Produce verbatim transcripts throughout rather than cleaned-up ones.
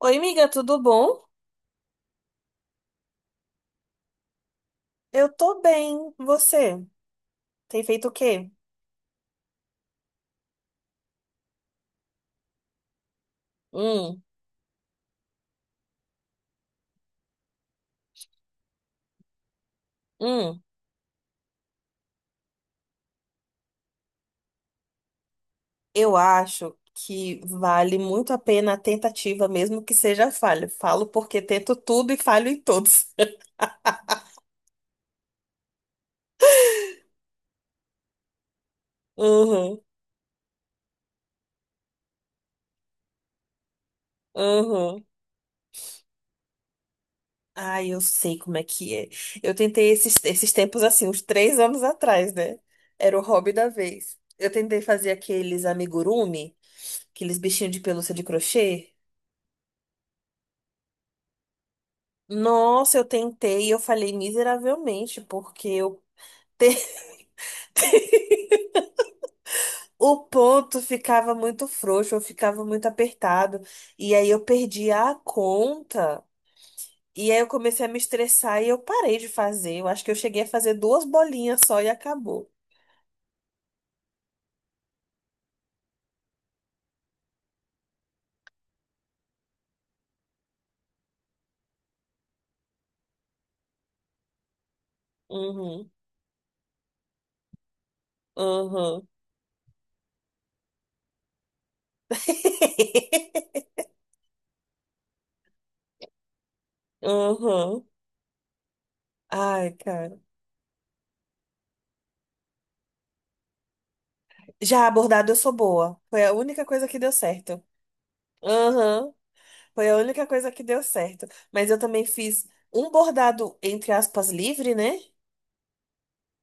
Oi, amiga, tudo bom? Eu tô bem. Você tem feito o quê? Hum, hum. Eu acho que vale muito a pena a tentativa, mesmo que seja falha. Falo porque tento tudo e falho em todos. Uhum, uhum. Ai, eu sei como é que é. Eu tentei esses, esses tempos assim, uns três anos atrás, né? Era o hobby da vez. Eu tentei fazer aqueles amigurumi, aqueles bichinhos de pelúcia de crochê. Nossa, eu tentei e eu falei miseravelmente, porque eu te- o ponto ficava muito frouxo, eu ficava muito apertado, e aí eu perdi a conta, e aí eu comecei a me estressar e eu parei de fazer. Eu acho que eu cheguei a fazer duas bolinhas só e acabou. Uhum, uhum, uhum. Ai, cara. Já abordado eu sou boa. Foi a única coisa que deu certo. Uhum. Foi a única coisa que deu certo. Mas eu também fiz um bordado, entre aspas, livre, né?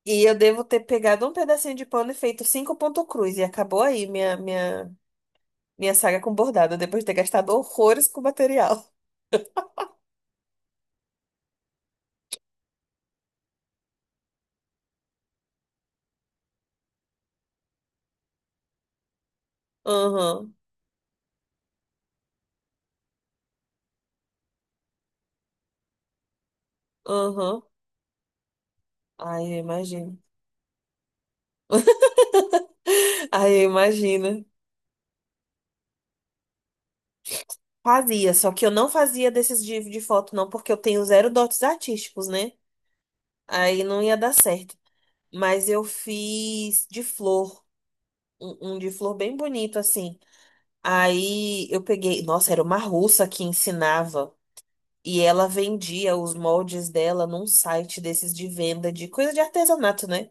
E eu devo ter pegado um pedacinho de pano e feito cinco ponto cruz. E acabou aí minha, minha, minha saga com bordado, depois de ter gastado horrores com material. Aham, aham. Ai, eu imagino. Ai, eu imagino. Fazia, só que eu não fazia desses de, de, foto, não, porque eu tenho zero dotes artísticos, né? Aí não ia dar certo. Mas eu fiz de flor, um, um de flor bem bonito, assim. Aí eu peguei, nossa, era uma russa que ensinava e ela vendia os moldes dela num site desses de venda de coisa de artesanato, né?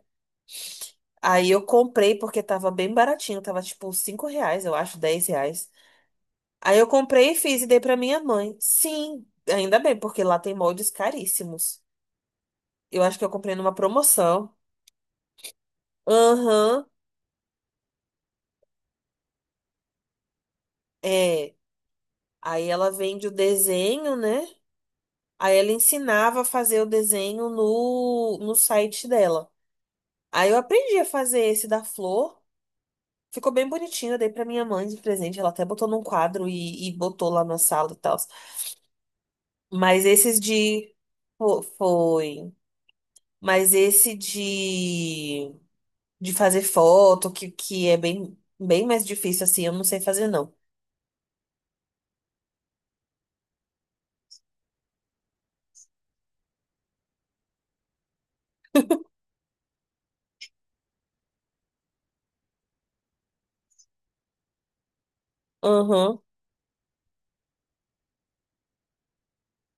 Aí eu comprei porque tava bem baratinho, tava tipo cinco reais, eu acho, dez reais. Aí eu comprei e fiz e dei pra minha mãe. Sim, ainda bem, porque lá tem moldes caríssimos. Eu acho que eu comprei numa promoção. Aham, é. Aí ela vende o desenho, né? Aí ela ensinava a fazer o desenho no, no site dela. Aí eu aprendi a fazer esse da flor. Ficou bem bonitinho, eu dei pra minha mãe de presente. Ela até botou num quadro e, e botou lá na sala e tal. Mas esses de. fo- Foi. Mas esse de. De fazer foto, que, que é bem, bem mais difícil assim, eu não sei fazer não. Aham.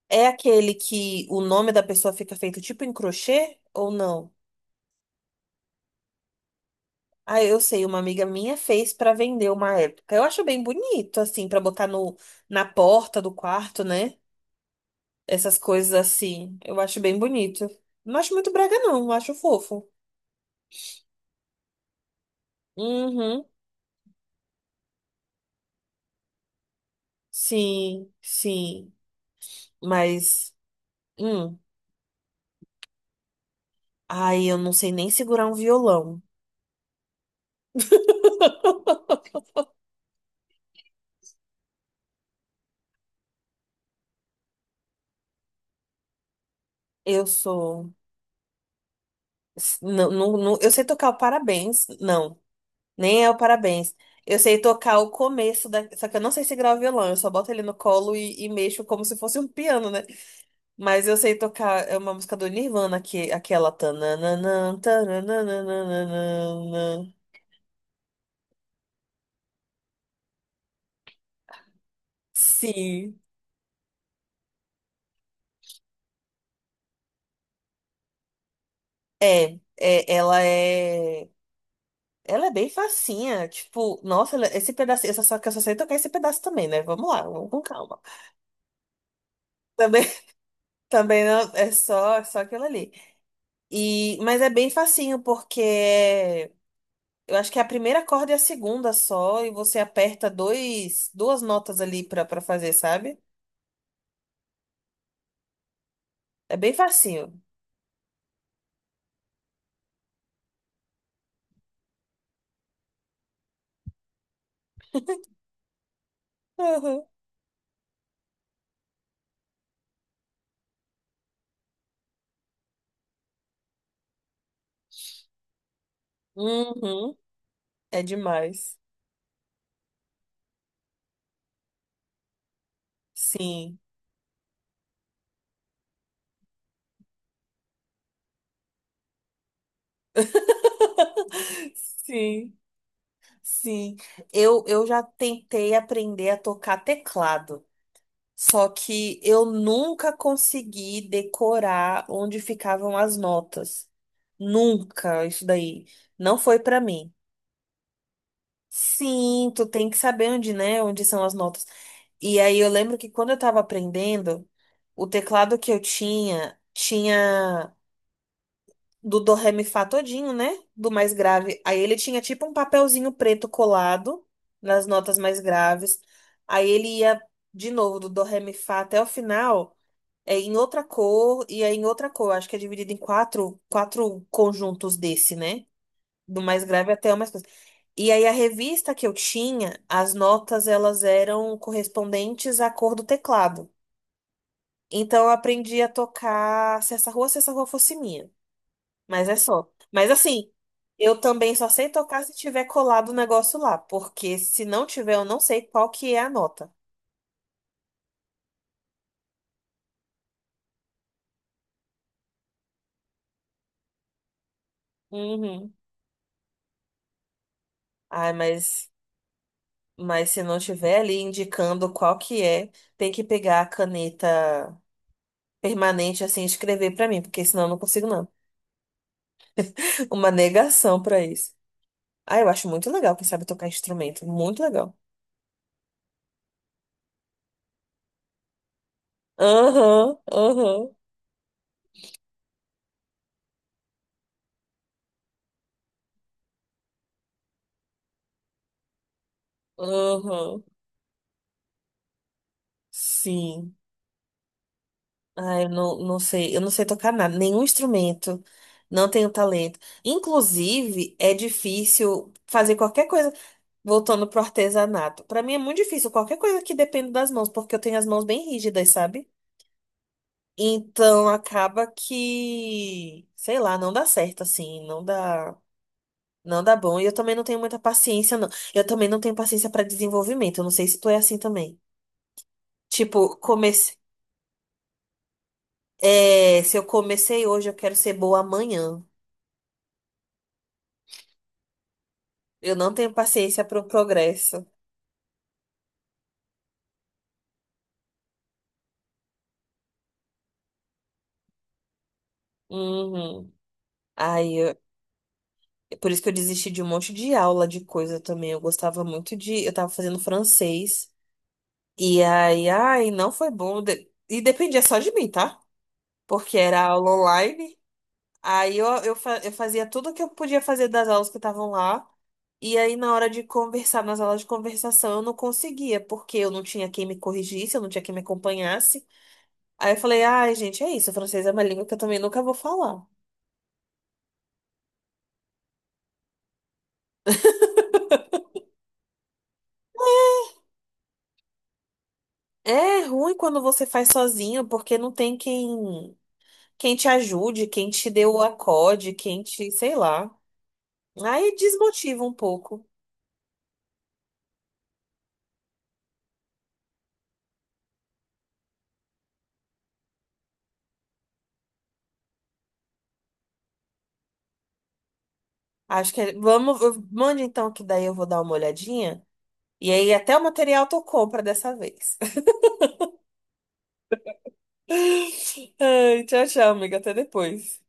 É aquele que o nome da pessoa fica feito tipo em crochê ou não? Ah, eu sei, uma amiga minha fez pra vender uma época. Eu acho bem bonito, assim, pra botar no, na porta do quarto, né? Essas coisas assim. Eu acho bem bonito. Não acho muito brega, não. Eu acho fofo. Uhum. Sim, sim. Mas, hum. Ai, eu não sei nem segurar um violão. Eu sou. Não, não, não- eu sei tocar o parabéns. Não, nem é o parabéns. Eu sei tocar o começo da. Só que eu não sei segurar o violão, eu só boto ele no colo e, e mexo como se fosse um piano, né? Mas eu sei tocar. É uma música do Nirvana, que, aquela. Tananana, tananana. Sim, é, é, ela é, ela é bem facinha, tipo, nossa, ela- esse pedacinho, eu só, só que eu só sei tocar esse pedaço também, né? Vamos lá, vamos com calma. Também, também não, é só, é só aquilo ali. E, mas é bem facinho porque eu acho que a primeira corda é a segunda só e você aperta dois, duas notas ali pra, pra fazer, sabe? É bem facinho. Uhum, uhum, é demais. Sim, sim. Sim, eu, eu já tentei aprender a tocar teclado, só que eu nunca consegui decorar onde ficavam as notas. Nunca, isso daí não foi pra mim. Sim, tu tem que saber onde, né, onde são as notas. E aí eu lembro que quando eu tava aprendendo, o teclado que eu tinha tinha do do ré mi fá todinho, né? Do mais grave. Aí ele tinha tipo um papelzinho preto colado nas notas mais graves. Aí ele ia de novo do do ré mi fá até o final, é em outra cor e aí em outra cor. Acho que é dividido em quatro, quatro conjuntos desse, né? Do mais grave até o mais coisa. E aí a revista que eu tinha, as notas elas eram correspondentes à cor do teclado. Então eu aprendi a tocar Se Essa Rua, Se Essa Rua Fosse Minha. Mas é só. Mas assim, eu também só sei tocar se tiver colado o negócio lá, porque se não tiver, eu não sei qual que é a nota. Uhum. Ai, mas, mas se não tiver ali indicando qual que é, tem que pegar a caneta permanente assim e escrever pra mim, porque senão eu não consigo não. Uma negação pra isso. Ah, eu acho muito legal quem sabe tocar instrumento, muito legal. Aham, aham, aham. Sim. Ah, eu não, não sei, eu não sei tocar nada, nenhum instrumento, não tenho talento. Inclusive, é difícil fazer qualquer coisa, voltando pro artesanato. Para mim é muito difícil qualquer coisa que dependa das mãos, porque eu tenho as mãos bem rígidas, sabe? Então acaba que, sei lá, não dá certo assim, não dá, não dá bom. E eu também não tenho muita paciência, não. Eu também não tenho paciência para desenvolvimento. Eu não sei se tu é assim também. Tipo, comecei, é, se eu comecei hoje, eu quero ser boa amanhã. Eu não tenho paciência pro progresso. Uhum. Aí, eu- por isso que eu desisti de um monte de aula de coisa também. Eu gostava muito de. Eu tava fazendo francês. E aí, ai, não foi bom. De- E dependia só de mim, tá? Porque era aula online. Aí eu, eu, fa- eu fazia tudo o que eu podia fazer das aulas que estavam lá. E aí, na hora de conversar, nas aulas de conversação, eu não conseguia, porque eu não tinha quem me corrigisse, eu não tinha quem me acompanhasse. Aí eu falei, ai, gente, é isso, francês é uma língua que eu também nunca vou falar. É ruim quando você faz sozinho, porque não tem quem, quem, te ajude, quem te dê o acorde, quem te, sei lá. Aí desmotiva um pouco. Acho que é- vamos, eu- mande então que daí eu vou dar uma olhadinha. E aí até o material tu compra dessa vez. Ai, tchau, tchau, amiga, até depois.